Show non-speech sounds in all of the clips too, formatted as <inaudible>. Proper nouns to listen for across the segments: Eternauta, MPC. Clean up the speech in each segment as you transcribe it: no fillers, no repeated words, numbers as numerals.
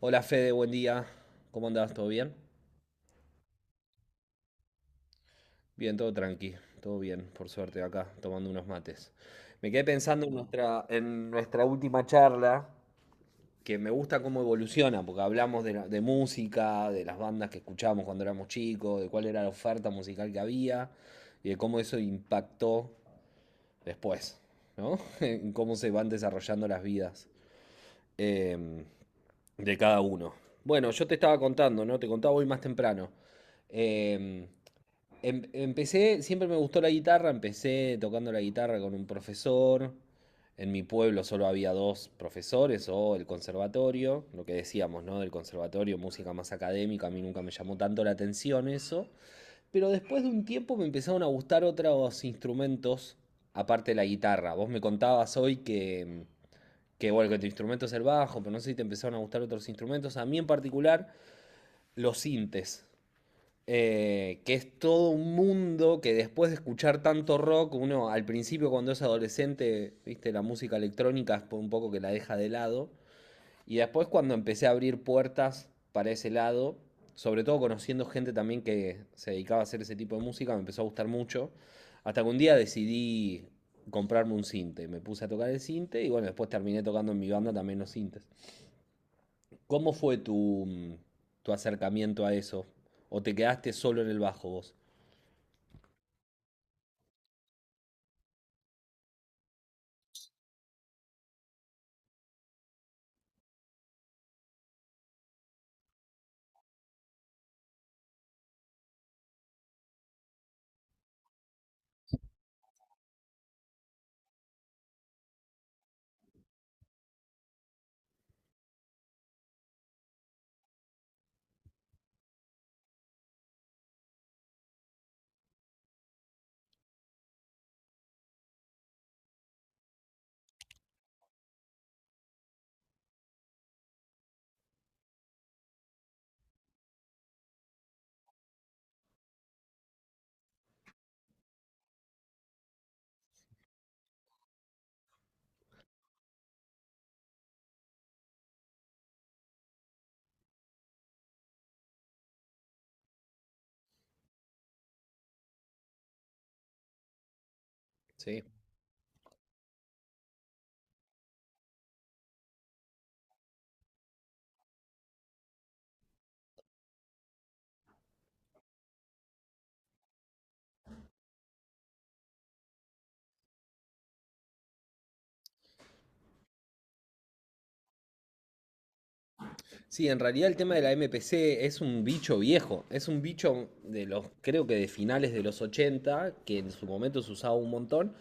Hola Fede, buen día. ¿Cómo andás? ¿Todo bien? Bien, todo tranqui, todo bien, por suerte, acá tomando unos mates. Me quedé pensando en en nuestra última charla, que me gusta cómo evoluciona, porque hablamos de, de música, de las bandas que escuchábamos cuando éramos chicos, de cuál era la oferta musical que había y de cómo eso impactó después, ¿no? <laughs> En cómo se van desarrollando las vidas em, de cada uno. Bueno, yo te estaba contando, ¿no? Te contaba hoy más temprano. em, Empecé, siempre me gustó la guitarra, empecé tocando la guitarra con un profesor. En mi pueblo solo había dos profesores o el conservatorio, lo que decíamos, ¿no? Del conservatorio, música más académica, a mí nunca me llamó tanto la atención eso. Pero después de un tiempo me empezaron a gustar otros instrumentos aparte de la guitarra. Vos me contabas hoy que bueno, que tu instrumento es el bajo, pero no sé si te empezaron a gustar otros instrumentos. A mí en particular, los sintes que es todo un mundo que después de escuchar tanto rock, uno al principio cuando es adolescente, viste, la música electrónica es un poco que la deja de lado, y después cuando empecé a abrir puertas para ese lado, sobre todo conociendo gente también que se dedicaba a hacer ese tipo de música, me empezó a gustar mucho, hasta que un día decidí comprarme un cinte, me puse a tocar el cinte y bueno, después terminé tocando en mi banda también los cintes. ¿Cómo fue tu acercamiento a eso? ¿O te quedaste solo en el bajo vos? Sí. Sí, en realidad el tema de la MPC es un bicho viejo. Es un bicho de los, creo que de finales de los 80 que en su momento se usaba un montón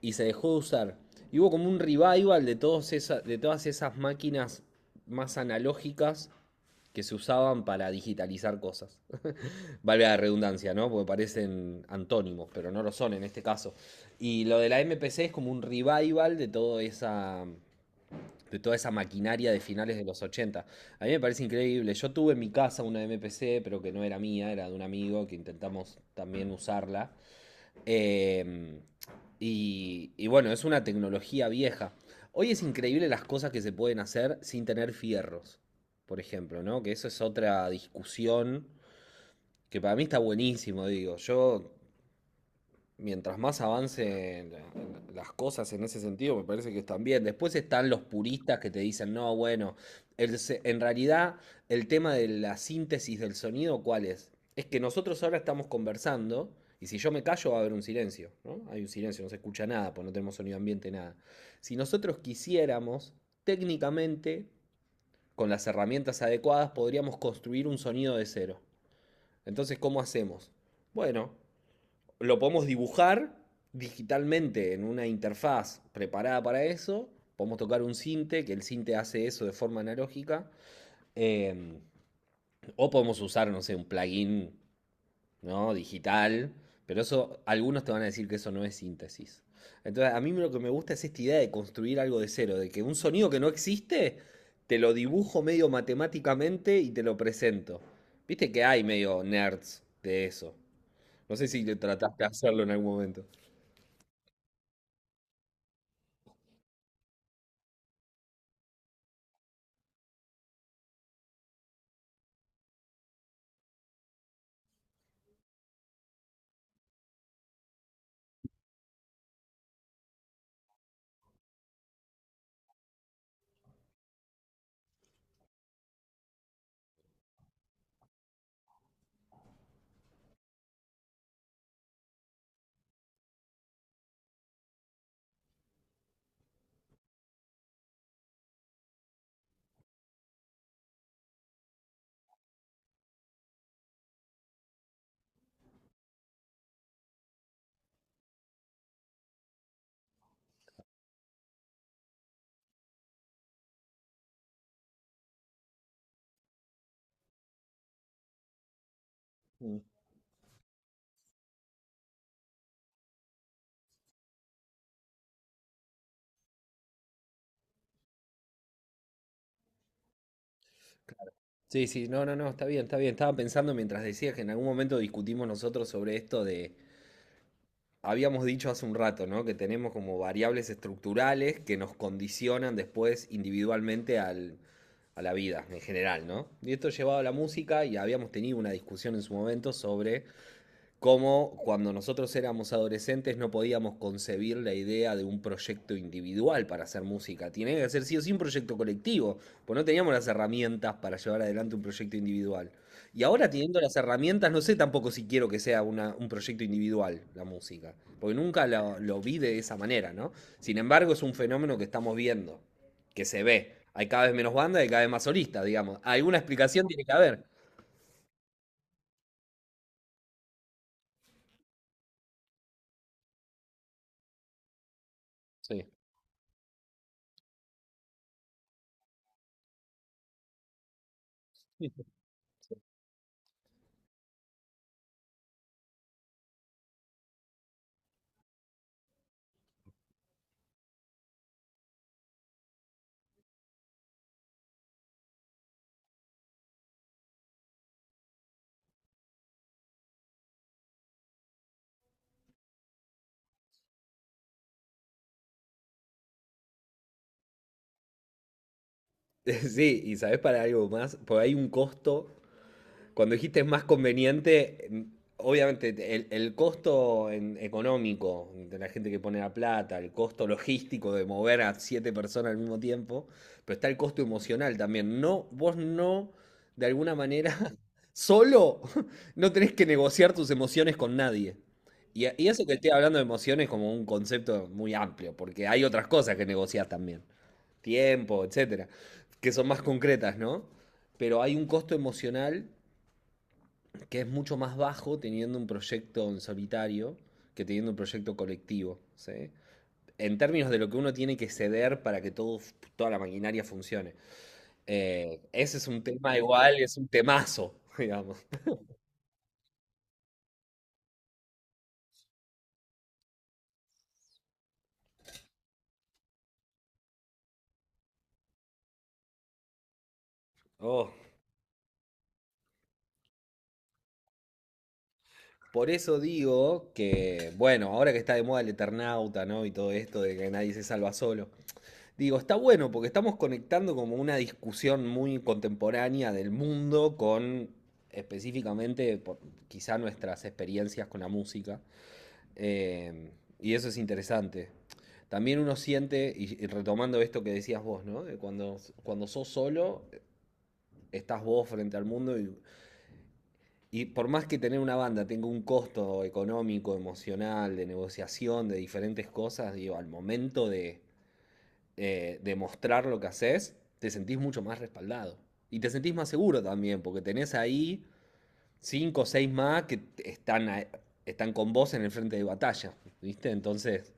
y se dejó de usar. Y hubo como un revival de, de todas esas máquinas más analógicas que se usaban para digitalizar cosas. <laughs> Vale la redundancia, ¿no? Porque parecen antónimos, pero no lo son en este caso. Y lo de la MPC es como un revival de toda esa maquinaria de finales de los ochenta. A mí me parece increíble. Yo tuve en mi casa una MPC, pero que no era mía, era de un amigo que intentamos también usarla. Eh, y, y bueno, es una tecnología vieja. Hoy es increíble las cosas que se pueden hacer sin tener fierros, por ejemplo, ¿no? Que eso es otra discusión que para mí está buenísimo, digo. Yo mientras más avancen las cosas en ese sentido, me parece que están bien. Después están los puristas que te dicen, no, bueno, en realidad el tema de la síntesis del sonido, ¿cuál es? Es que nosotros ahora estamos conversando y si yo me callo va a haber un silencio, ¿no? Hay un silencio, no se escucha nada, pues no tenemos sonido ambiente, nada. Si nosotros quisiéramos, técnicamente, con las herramientas adecuadas, podríamos construir un sonido de cero. Entonces, ¿cómo hacemos? Bueno, lo podemos dibujar digitalmente en una interfaz preparada para eso. Podemos tocar un sinte, que el sinte hace eso de forma analógica. eh, o podemos usar, no sé, un plugin, ¿no? Digital. Pero eso, algunos te van a decir que eso no es síntesis. Entonces, a mí lo que me gusta es esta idea de construir algo de cero, de que un sonido que no existe, te lo dibujo medio matemáticamente y te lo presento. Viste que hay medio nerds de eso. No sé si trataste de hacerlo en algún momento. Mm. Sí, sí, no, no, no, está bien, está bien. Estaba pensando mientras decías que en algún momento discutimos nosotros sobre esto de, habíamos dicho hace un rato, ¿no? Que tenemos como variables estructurales que nos condicionan después individualmente al, a la vida en general, ¿no? Y esto llevado a la música y habíamos tenido una discusión en su momento sobre como cuando nosotros éramos adolescentes no podíamos concebir la idea de un proyecto individual para hacer música. Tiene que ser sí o sí un proyecto colectivo, pues no teníamos las herramientas para llevar adelante un proyecto individual. Y ahora teniendo las herramientas, no sé tampoco si quiero que sea un proyecto individual la música, porque nunca lo vi de esa manera, ¿no? Sin embargo, es un fenómeno que estamos viendo, que se ve. Hay cada vez menos bandas y cada vez más solistas, digamos. Alguna explicación tiene que haber. Sí. <laughs> Sí, y sabes para algo más, porque hay un costo. Cuando dijiste es más conveniente, obviamente el costo económico de la gente que pone la plata, el costo logístico de mover a siete personas al mismo tiempo, pero está el costo emocional también. No, vos no, de alguna manera, <laughs> solo <laughs> no tenés que negociar tus emociones con nadie. Y eso que estoy hablando de emociones como un concepto muy amplio, porque hay otras cosas que negociar también, tiempo, etcétera, que son más concretas, ¿no? Pero hay un costo emocional que es mucho más bajo teniendo un proyecto en solitario que teniendo un proyecto colectivo, ¿sí? En términos de lo que uno tiene que ceder para que todo, toda la maquinaria funcione. Ese es un tema igual, es un temazo, <laughs> digamos. Oh, por eso digo que, bueno, ahora que está de moda el Eternauta, ¿no? Y todo esto de que nadie se salva solo. Digo, está bueno porque estamos conectando como una discusión muy contemporánea del mundo con específicamente por- quizá nuestras experiencias con la música. Eh, y eso es interesante. También uno siente, y retomando esto que decías vos, ¿no? De cuando sos solo, estás vos frente al mundo y por más que tener una banda tenga un costo económico, emocional, de negociación, de diferentes cosas, digo, al momento de demostrar lo que haces, te sentís mucho más respaldado. Y te sentís más seguro también, porque tenés ahí cinco o seis más que están, están con vos en el frente de batalla, ¿viste? Entonces,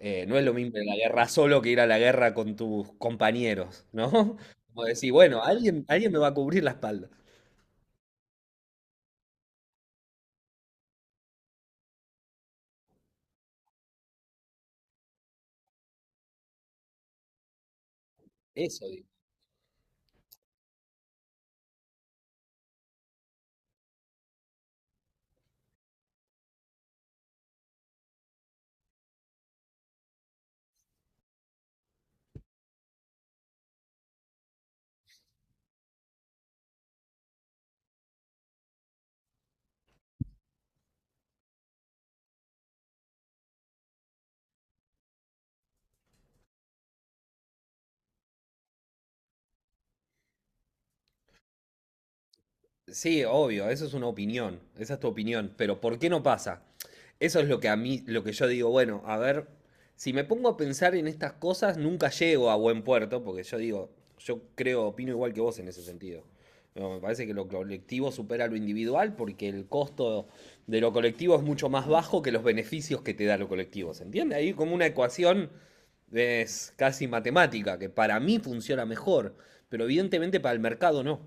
no es lo mismo ir a la guerra solo que ir a la guerra con tus compañeros, ¿no? <laughs> Como decir, bueno, alguien, alguien me va a cubrir la espalda. Eso, digo. Sí, obvio, eso es una opinión, esa es tu opinión, pero ¿por qué no pasa? Eso es lo que a mí, lo que yo digo, bueno, a ver, si me pongo a pensar en estas cosas, nunca llego a buen puerto, porque yo digo, yo creo, opino igual que vos en ese sentido. No, me parece que lo colectivo supera lo individual porque el costo de lo colectivo es mucho más bajo que los beneficios que te da lo colectivo, ¿se entiende? Ahí como una ecuación es casi matemática, que para mí funciona mejor, pero evidentemente para el mercado no,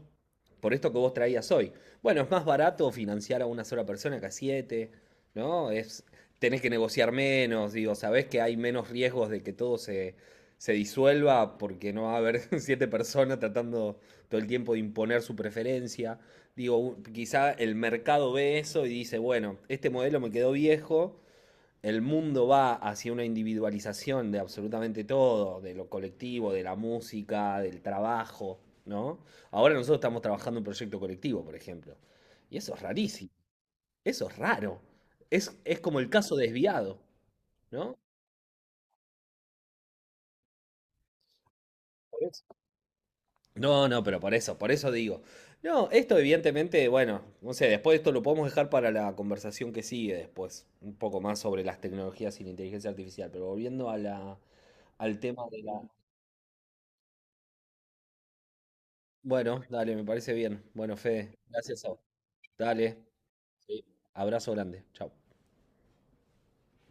por esto que vos traías hoy. Bueno, es más barato financiar a una sola persona que a siete, ¿no? Es, tenés que negociar menos, digo, sabés que hay menos riesgos de que todo se, se disuelva porque no va a haber <laughs> siete personas tratando todo el tiempo de imponer su preferencia. Digo, quizá el mercado ve eso y dice, bueno, este modelo me quedó viejo, el mundo va hacia una individualización de absolutamente todo, de lo colectivo, de la música, del trabajo, ¿no? Ahora nosotros estamos trabajando un proyecto colectivo, por ejemplo. Y eso es rarísimo, eso es raro. Es como el caso desviado, ¿no? Por eso. No, no, pero por eso digo. No, esto evidentemente, bueno, no sé, después esto lo podemos dejar para la conversación que sigue después, un poco más sobre las tecnologías y la inteligencia artificial, pero volviendo a la, al tema de la... Bueno, dale, me parece bien. Bueno, Fede, gracias a vos. Dale. Sí. Abrazo grande. Chao.